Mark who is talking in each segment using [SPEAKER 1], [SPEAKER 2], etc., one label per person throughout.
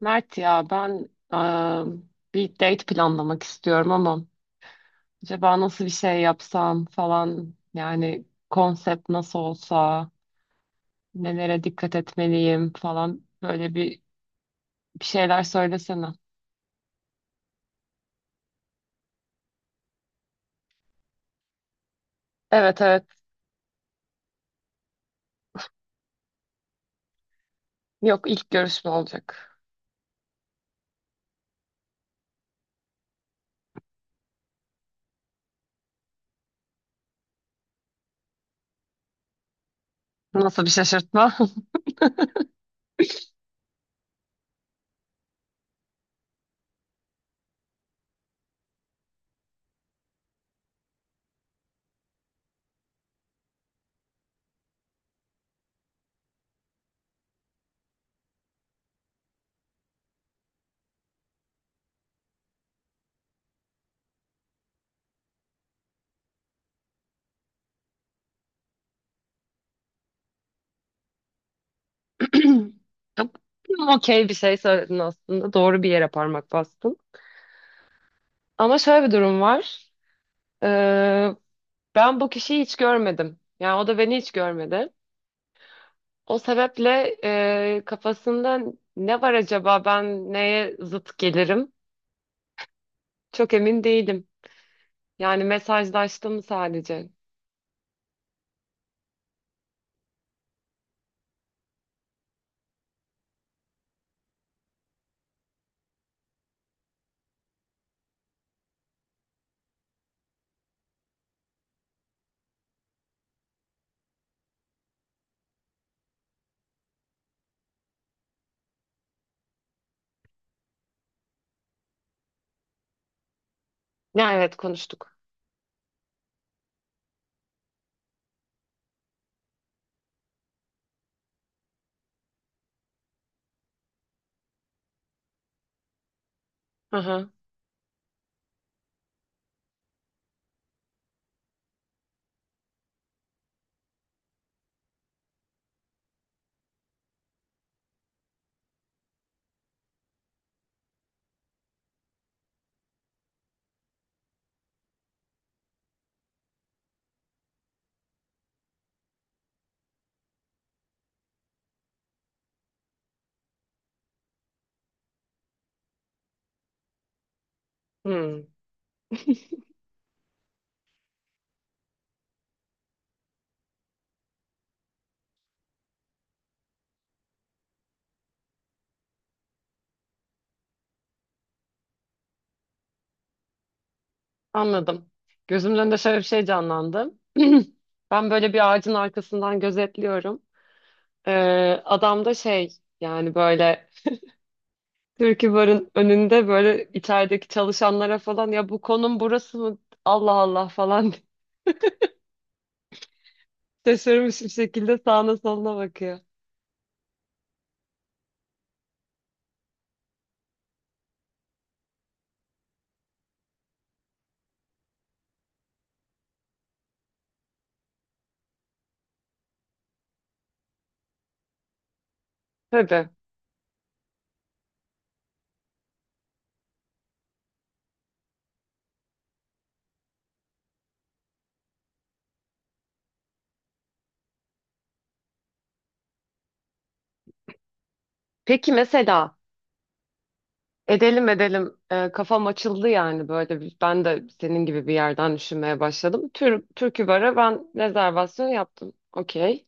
[SPEAKER 1] Mert ya ben bir date planlamak istiyorum ama acaba nasıl bir şey yapsam falan, yani konsept nasıl olsa, nelere dikkat etmeliyim falan, bir şeyler söylesene. Evet, evet, yok, ilk görüşme olacak. Nasıl bir şaşırtma? Okey, bir şey söyledin, aslında doğru bir yere parmak bastın. Ama şöyle bir durum var. Ee, Ben bu kişiyi hiç görmedim. Yani o da beni hiç görmedi. O sebeple kafasında ne var acaba, ben neye zıt gelirim? Çok emin değilim. Yani mesajlaştı mı sadece? Ya evet, konuştuk. Hı hı. Hmm, anladım. Gözümün önünde şöyle bir şey canlandı. Ben böyle bir ağacın arkasından gözetliyorum. E, Adam da şey, yani böyle Türkiye Bar'ın önünde böyle içerideki çalışanlara falan, ya bu konum burası mı? Allah Allah falan şaşırmış bir şekilde sağına soluna bakıyor. Tabii. Peki mesela edelim, edelim, kafam açıldı yani, ben de senin gibi bir yerden düşünmeye başladım. Türkü Bar'a ben rezervasyon yaptım. Okey.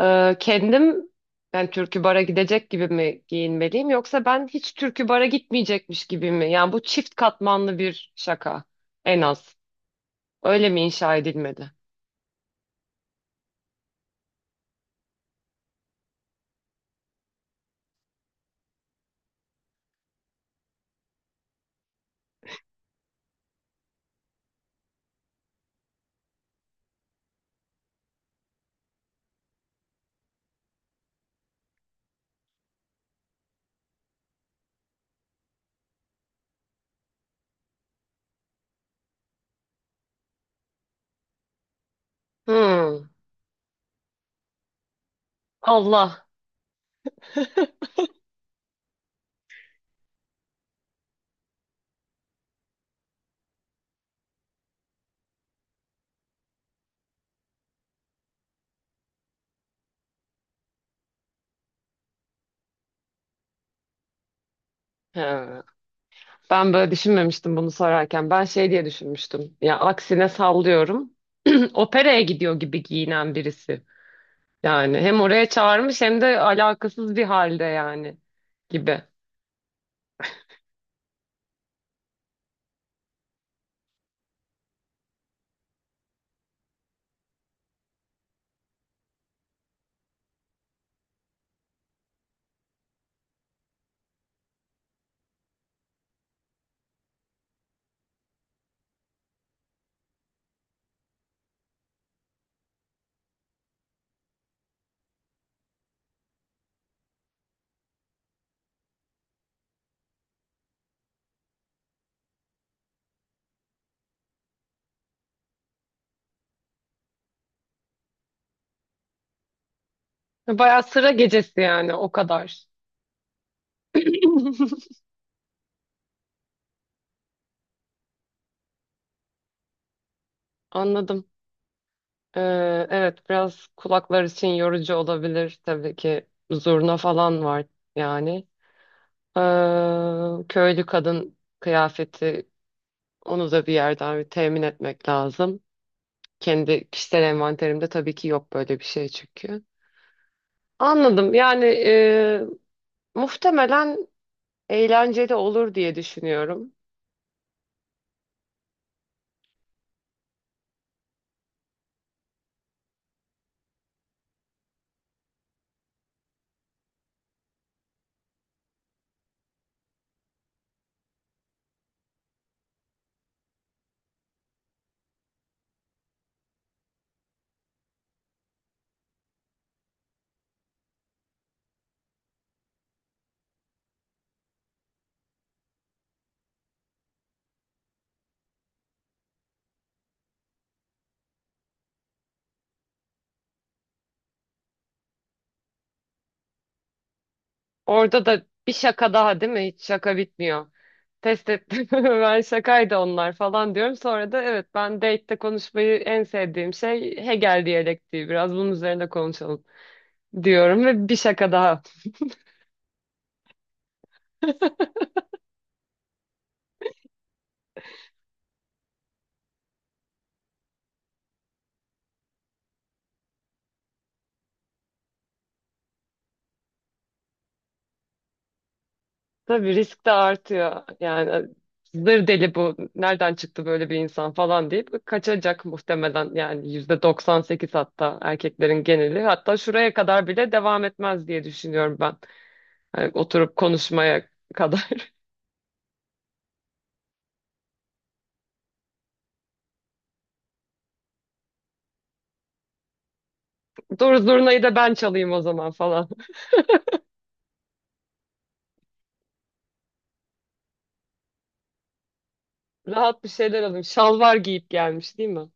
[SPEAKER 1] Kendim, ben Türkü Bar'a gidecek gibi mi giyinmeliyim, yoksa ben hiç Türkü Bar'a gitmeyecekmiş gibi mi? Yani bu çift katmanlı bir şaka en az. Öyle mi inşa edilmedi? Hmm. Allah. He. Ben böyle düşünmemiştim bunu sorarken. Ben şey diye düşünmüştüm. Ya aksine, sallıyorum. Operaya gidiyor gibi giyinen birisi. Yani hem oraya çağırmış hem de alakasız bir halde yani, gibi. Bayağı sıra gecesi yani, o kadar. Anladım. Ee, evet, biraz kulaklar için yorucu olabilir tabii ki. Zurna falan var yani. Köylü kadın kıyafeti, onu da bir yerden bir temin etmek lazım. Kendi kişisel envanterimde tabii ki yok böyle bir şey çünkü. Anladım. Yani muhtemelen eğlenceli olur diye düşünüyorum. Orada da bir şaka daha, değil mi? Hiç şaka bitmiyor. Test ettim. Ben, şakaydı onlar falan diyorum. Sonra da evet, ben date'te konuşmayı en sevdiğim şey Hegel diyalektiği, biraz bunun üzerine konuşalım diyorum, ve bir şaka daha. Tabii risk de artıyor. Yani zır deli bu. Nereden çıktı böyle bir insan falan deyip kaçacak muhtemelen. Yani yüzde 98, hatta erkeklerin geneli. Hatta şuraya kadar bile devam etmez diye düşünüyorum ben. Yani oturup konuşmaya kadar. Dur zurnayı da ben çalayım o zaman falan. Rahat bir şeyler alayım. Şalvar giyip gelmiş, değil mi?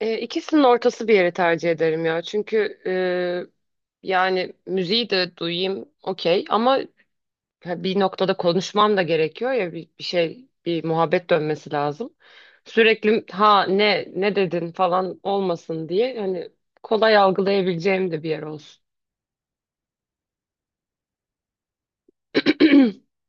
[SPEAKER 1] İkisinin ortası bir yeri tercih ederim ya. Çünkü yani müziği de duyayım okey, ama ha, bir noktada konuşmam da gerekiyor ya, bir şey, bir muhabbet dönmesi lazım. Sürekli ha ne dedin falan olmasın diye, hani kolay algılayabileceğim de bir yer olsun.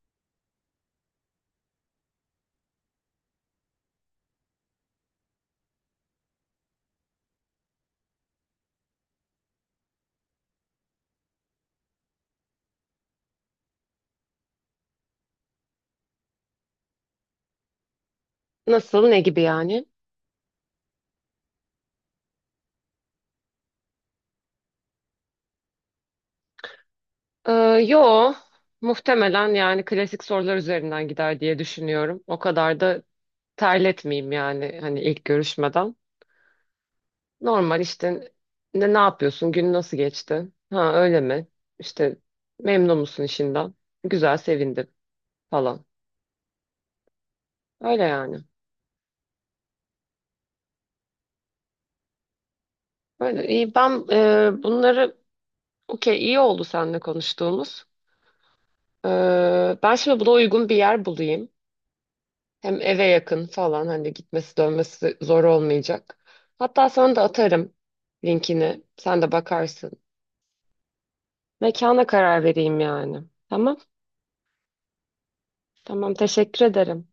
[SPEAKER 1] Nasıl, ne gibi yani? Ee, Yo, muhtemelen yani klasik sorular üzerinden gider diye düşünüyorum. O kadar da terletmeyeyim yani, hani ilk görüşmeden. Normal işte, ne yapıyorsun, gün nasıl geçti? Ha, öyle mi? İşte memnun musun işinden? Güzel, sevindim. Falan. Öyle yani. Öyle. İyi, ben bunları, okey, iyi oldu seninle konuştuğumuz. Ben şimdi buna uygun bir yer bulayım. Hem eve yakın falan, hani gitmesi dönmesi zor olmayacak. Hatta sana da atarım linkini. Sen de bakarsın. Mekana karar vereyim yani. Tamam. Tamam, teşekkür ederim.